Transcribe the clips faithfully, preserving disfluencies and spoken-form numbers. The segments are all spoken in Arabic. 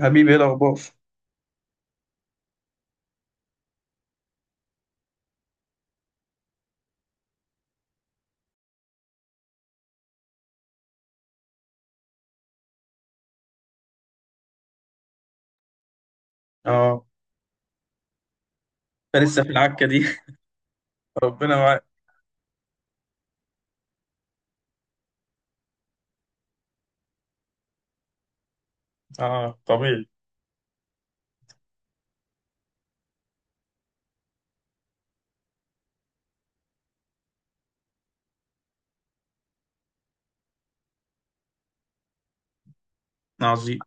حبيبي ايه الاخبار؟ اه انت لسه في العكه دي؟ ربنا معاك. اه طبيعي. عظيم.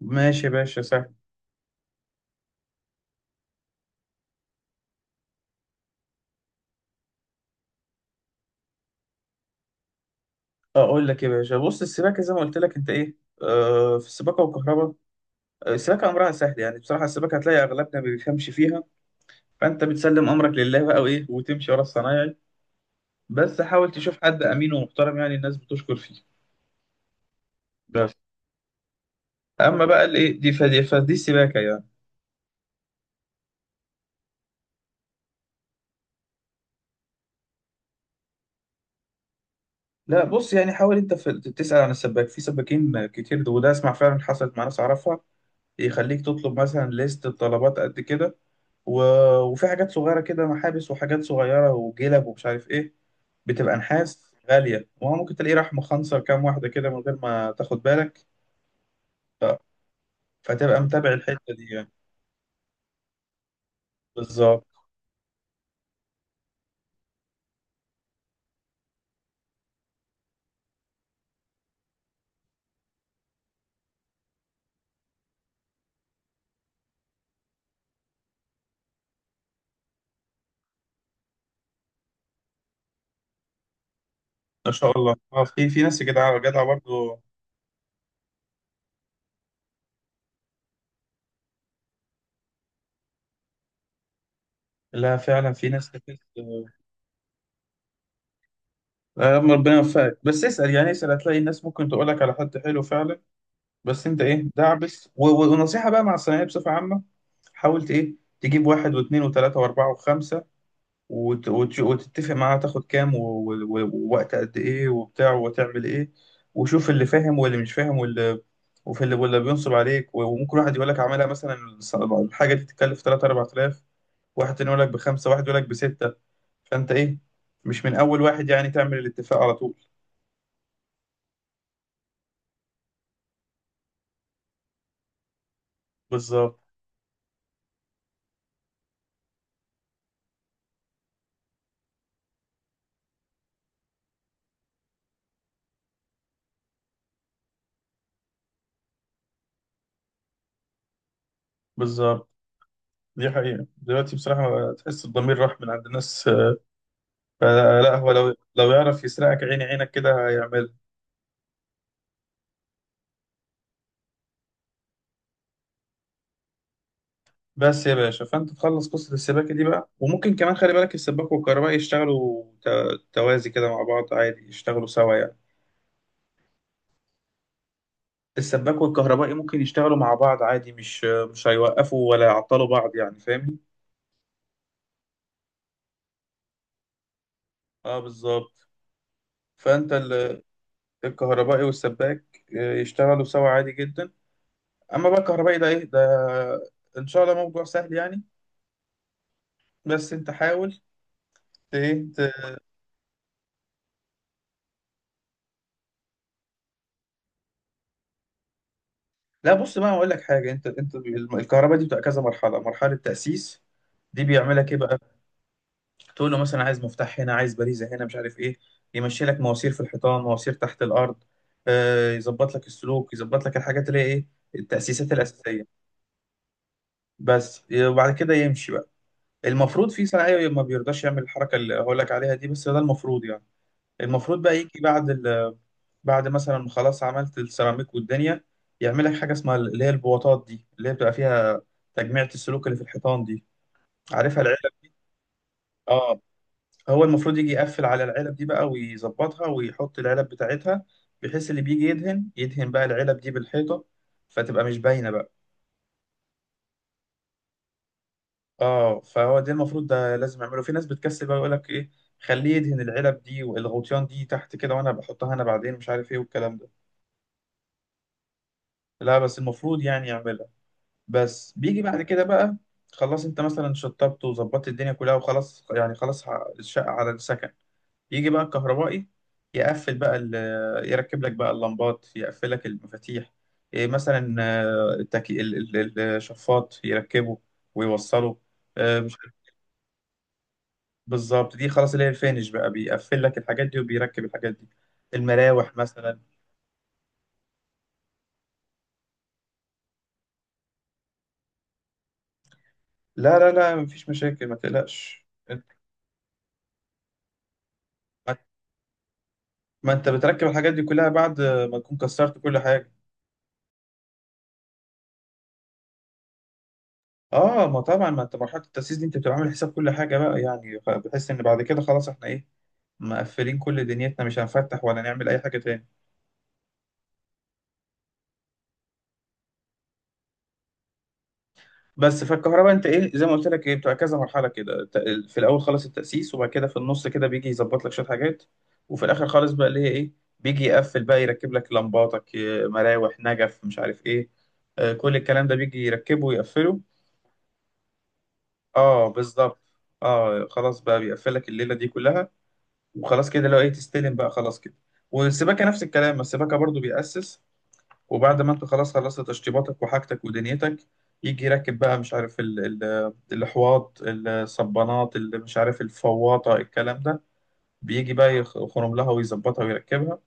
ماشي يا باشا، سهل. اقول لك يا باشا، بص السباكه زي ما قلت لك انت ايه، آه، في السباكه والكهرباء. آه، السباكه امرها سهل، يعني بصراحه السباكه هتلاقي اغلبنا ما بيفهمش فيها، فانت بتسلم امرك لله بقى وايه وتمشي ورا الصنايعي. بس حاول تشوف حد امين ومحترم، يعني الناس بتشكر فيه. بس اما بقى الايه دي فدي, فدي السباكه يعني. لا بص، يعني حاول انت في تسال عن السباك، في سباكين كتير، وده اسمع فعلا حصلت مع ناس اعرفها، يخليك تطلب مثلا ليست بطلبات قد كده و... وفي حاجات صغيرة كده، محابس وحاجات صغيرة وجلب ومش عارف ايه، بتبقى نحاس غالية، وهو ممكن تلاقيه راح مخنصر كام واحدة كده من غير ما تاخد بالك. ف... فتبقى متابع الحتة دي يعني. بالظبط. ما شاء الله، اه في في ناس جدعة جدعة برضه. لا فعلا في ناس كتير. آه، ربنا يوفقك، بس اسأل يعني، اسأل هتلاقي الناس ممكن تقولك على حد حلو فعلا. بس انت ايه دعبس و- و- ونصيحة بقى مع الثانوية بصفة عامة. حاولت ايه تجيب واحد واثنين وثلاثة واربعة وخمسة وت- وت- وتتفق معاه تاخد كام و- و- و- ووقت قد ايه وبتاع وتعمل ايه، وشوف اللي فاهم واللي مش فاهم واللي وفي اللي واللي بينصب عليك، و- وممكن واحد يقول لك اعملها مثلا الص- الحاجة دي تتكلف ثلاثة اربعة آلاف، واحد تاني يقول لك بخمسة، واحد يقول لك بستة. فانت ايه مش من اول واحد يعني تعمل الاتفاق على طول. بالظبط. بالظبط، دي حقيقة، دلوقتي بصراحة تحس الضمير راح من عند الناس. آه، لا هو لو لو يعرف يسرقك عيني عينك كده هيعملها. بس يا باشا، فأنت تخلص قصة السباكة دي بقى، وممكن كمان خلي بالك السباك والكهربائي يشتغلوا ت- توازي كده مع بعض عادي، يشتغلوا سوا يعني. السباك والكهربائي ممكن يشتغلوا مع بعض عادي، مش مش هيوقفوا ولا يعطلوا بعض يعني، فاهمني؟ اه بالظبط. فأنت ال- الكهربائي والسباك آه، يشتغلوا سوا عادي جدا. أما بقى الكهربائي ده إيه ده، إن شاء الله موضوع سهل يعني. بس انت حاول ت... ت- لا بص بقى هقول لك حاجه، انت انت الم- الكهرباء دي بتبقى كذا مرحله. مرحله تاسيس، دي بيعملك ايه بقى، تقول له مثلا عايز مفتاح هنا، عايز باريزه هنا، مش عارف ايه، يمشي لك مواسير في الحيطان، مواسير تحت الارض، آه، يظبط لك السلوك، يظبط لك الحاجات اللي هي ايه، التاسيسات الاساسيه بس. وبعد كده يمشي بقى، المفروض في صنايعي ما بيرضاش يعمل الحركه اللي هقول لك عليها دي، بس ده المفروض يعني. المفروض بقى يجي بعد ال بعد مثلا ما خلاص عملت السيراميك والدنيا، يعمل لك حاجه اسمها اللي هي البواطات دي، اللي هي بتبقى فيها تجميعة السلوك اللي في الحيطان دي، عارفها، العلب. اه. هو المفروض يجي يقفل على العلب دي بقى، ويظبطها ويحط العلب بتاعتها، بحيث اللي بيجي يدهن يدهن بقى العلب دي بالحيطه، فتبقى مش باينه بقى. اه فهو ده المفروض، ده لازم اعمله. في ناس بتكسل بقى يقول لك ايه، خليه يدهن العلب دي والغطيان دي تحت كده، وانا بحطها انا بعدين مش عارف ايه والكلام ده. لا بس المفروض يعني يعملها. بس بيجي بعد كده بقى، خلاص انت مثلا شطبت وظبطت الدنيا كلها وخلاص، يعني خلاص ع- الشقة على السكن، يجي بقى الكهربائي يقفل بقى ال- يركب لك بقى اللمبات، يقفل لك المفاتيح، إيه مثلا آه، التكي... ال- ال- الشفاط يركبه ويوصله، آه، مش عارف. بالظبط، دي خلاص اللي هي الفينش بقى، بيقفل لك الحاجات دي وبيركب الحاجات دي، المراوح مثلا. لا لا لا، مفيش مشاكل، ما تقلقش انت. ما ما انت بتركب الحاجات دي كلها بعد ما تكون كسرت كل حاجة. اه ما طبعا، ما انت مرحله التاسيس دي انت بتبقى عامل حساب كل حاجه بقى يعني، ف- بحس ان بعد كده خلاص احنا ايه، مقفلين كل دنيتنا مش هنفتح ولا نعمل اي حاجه تاني. بس فالكهرباء انت ايه زي ما قلت لك، ايه بتبقى كذا مرحله كده. ت- في الاول خالص التاسيس، وبعد كده في النص كده بيجي يظبط لك شويه حاجات، وفي الاخر خالص بقى اللي هي ايه، بيجي يقفل بقى يركب لك لمباتك، ي- مراوح، نجف، مش عارف ايه، آه، كل الكلام ده بيجي يركبه ويقفله. اه بالظبط. اه خلاص بقى، بيقفل لك الليله دي كلها، وخلاص كده لو ايه تستلم بقى خلاص كده. والسباكة نفس الكلام، السباكة برضو بيأسس، وبعد ما انت خلاص خلصت تشطيباتك وحاجتك ودنيتك، يجي يركب بقى مش عارف ال ال الحواض، الصبانات، اللي مش عارف الفواطة، الكلام ده، بيجي بقى يخ- يخرم لها ويظبطها ويركبها.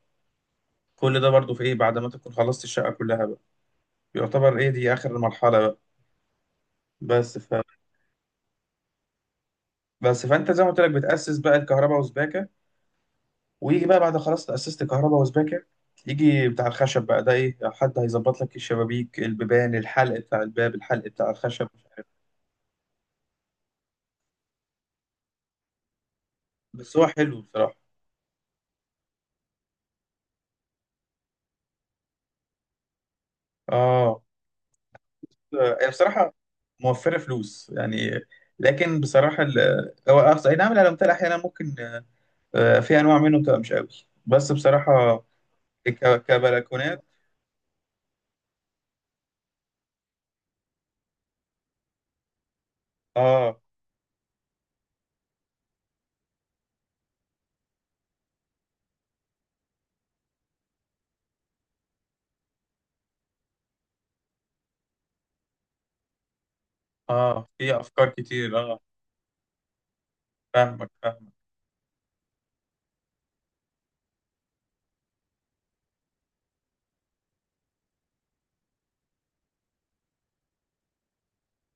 كل ده برضو في ايه بعد ما تكون خلصت الشقة كلها بقى، يعتبر ايه دي آخر المرحلة بقى. بس ف بس فانت زي ما قلت لك بتأسس بقى الكهرباء وسباكة، ويجي بقى بعد خلاص تأسست كهرباء وسباكة، يجي بتاع الخشب بقى ده ايه، حد هيظبط لك الشبابيك، البيبان، الحلق بتاع الباب، الحلق بتاع الخشب، مش عارف. بس هو حلو بصراحة. اه هي بصراحة موفرة فلوس يعني، لكن بصراحة ال- هو أقصى، اي نعم الألمتال احيانا ممكن آه، في انواع منه بتبقى مش قوي، بس بصراحة ك- كبلكونات. اه. اه في افكار كتير، اه. فاهمك فاهمك.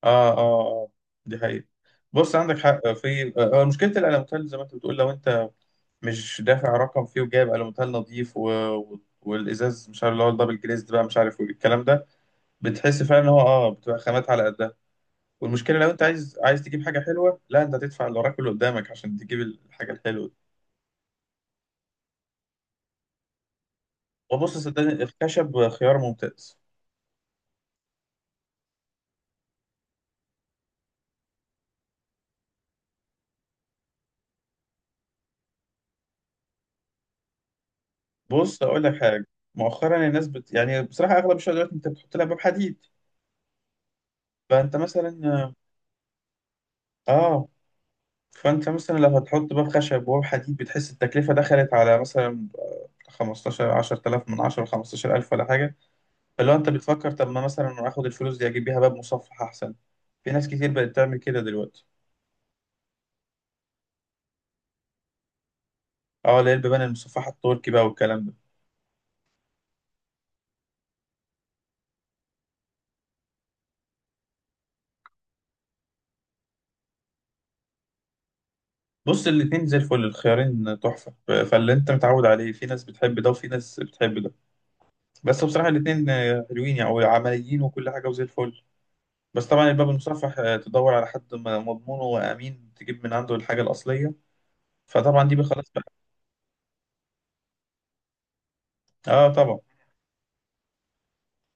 اه اه اه، دي حقيقة. بص، عندك حق في آه، مشكلة الألوميتال زي ما انت بتقول، لو انت مش دافع رقم فيه وجايب ألوميتال نظيف و... و- والإزاز مش عارف اللي هو الدبل جليزد بقى مش عارف والكلام ده، بتحس فعلا ان هو اه بتبقى خامات على قدها. والمشكلة لو انت عايز عايز تجيب حاجة حلوة، لا انت هتدفع اللي وراك واللي قدامك عشان تجيب الحاجة الحلوة دي. وبص صدقني الخشب خيار ممتاز. بص أقول لك حاجة، مؤخرا الناس بت... يعني بصراحة أغلب الشغلات دلوقتي انت بتحط لها باب حديد. فانت مثلا، اه فانت مثلا لو هتحط باب خشب وباب حديد بتحس التكلفه دخلت على مثلا خمستاشر عشرتلاف من عشر خمستاشر الف ولا حاجه. فلو انت بتفكر طب ما مثلا اخد الفلوس دي اجيب بيها باب مصفح احسن، في ناس كتير بقت تعمل كده دلوقتي. اه اللي هي البيبان المصفحه التركي بقى والكلام ده. بص الاتنين زي الفل، الخيارين تحفه، ف- فاللي انت متعود عليه، في ناس بتحب ده وفي ناس بتحب ده، بس بصراحه الاتنين آه، حلوين يعني وعمليين وكل حاجه وزي الفل. بس طبعا الباب المصفح آه، تدور على حد م- مضمون وامين تجيب من عنده الحاجه الاصليه، فطبعا دي بقى خلاص بقى. اه طبعا.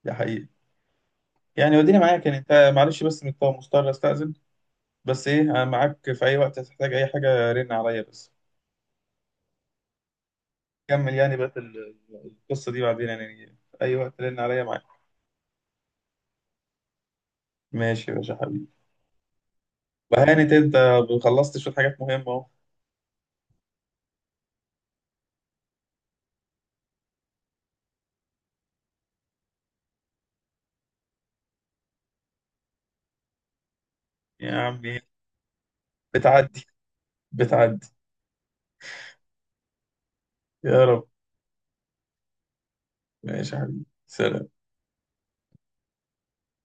دي حقيقة. يعني وديني معاك يعني انت، معلش بس مضطر مضطر استأذن. بس ايه انا معاك في اي وقت هتحتاج اي حاجة رن عليا بس، كمل يعني بقى ال- القصة دي بعدين، يعني في اي وقت رن عليا معاك. ماشي يا باشا حبيبي. وهانت انت، خلصت شوية حاجات مهمة اهو. يا عمي بتعدي، بتعدي. يا رب. ماشي يا حبيبي، سلام.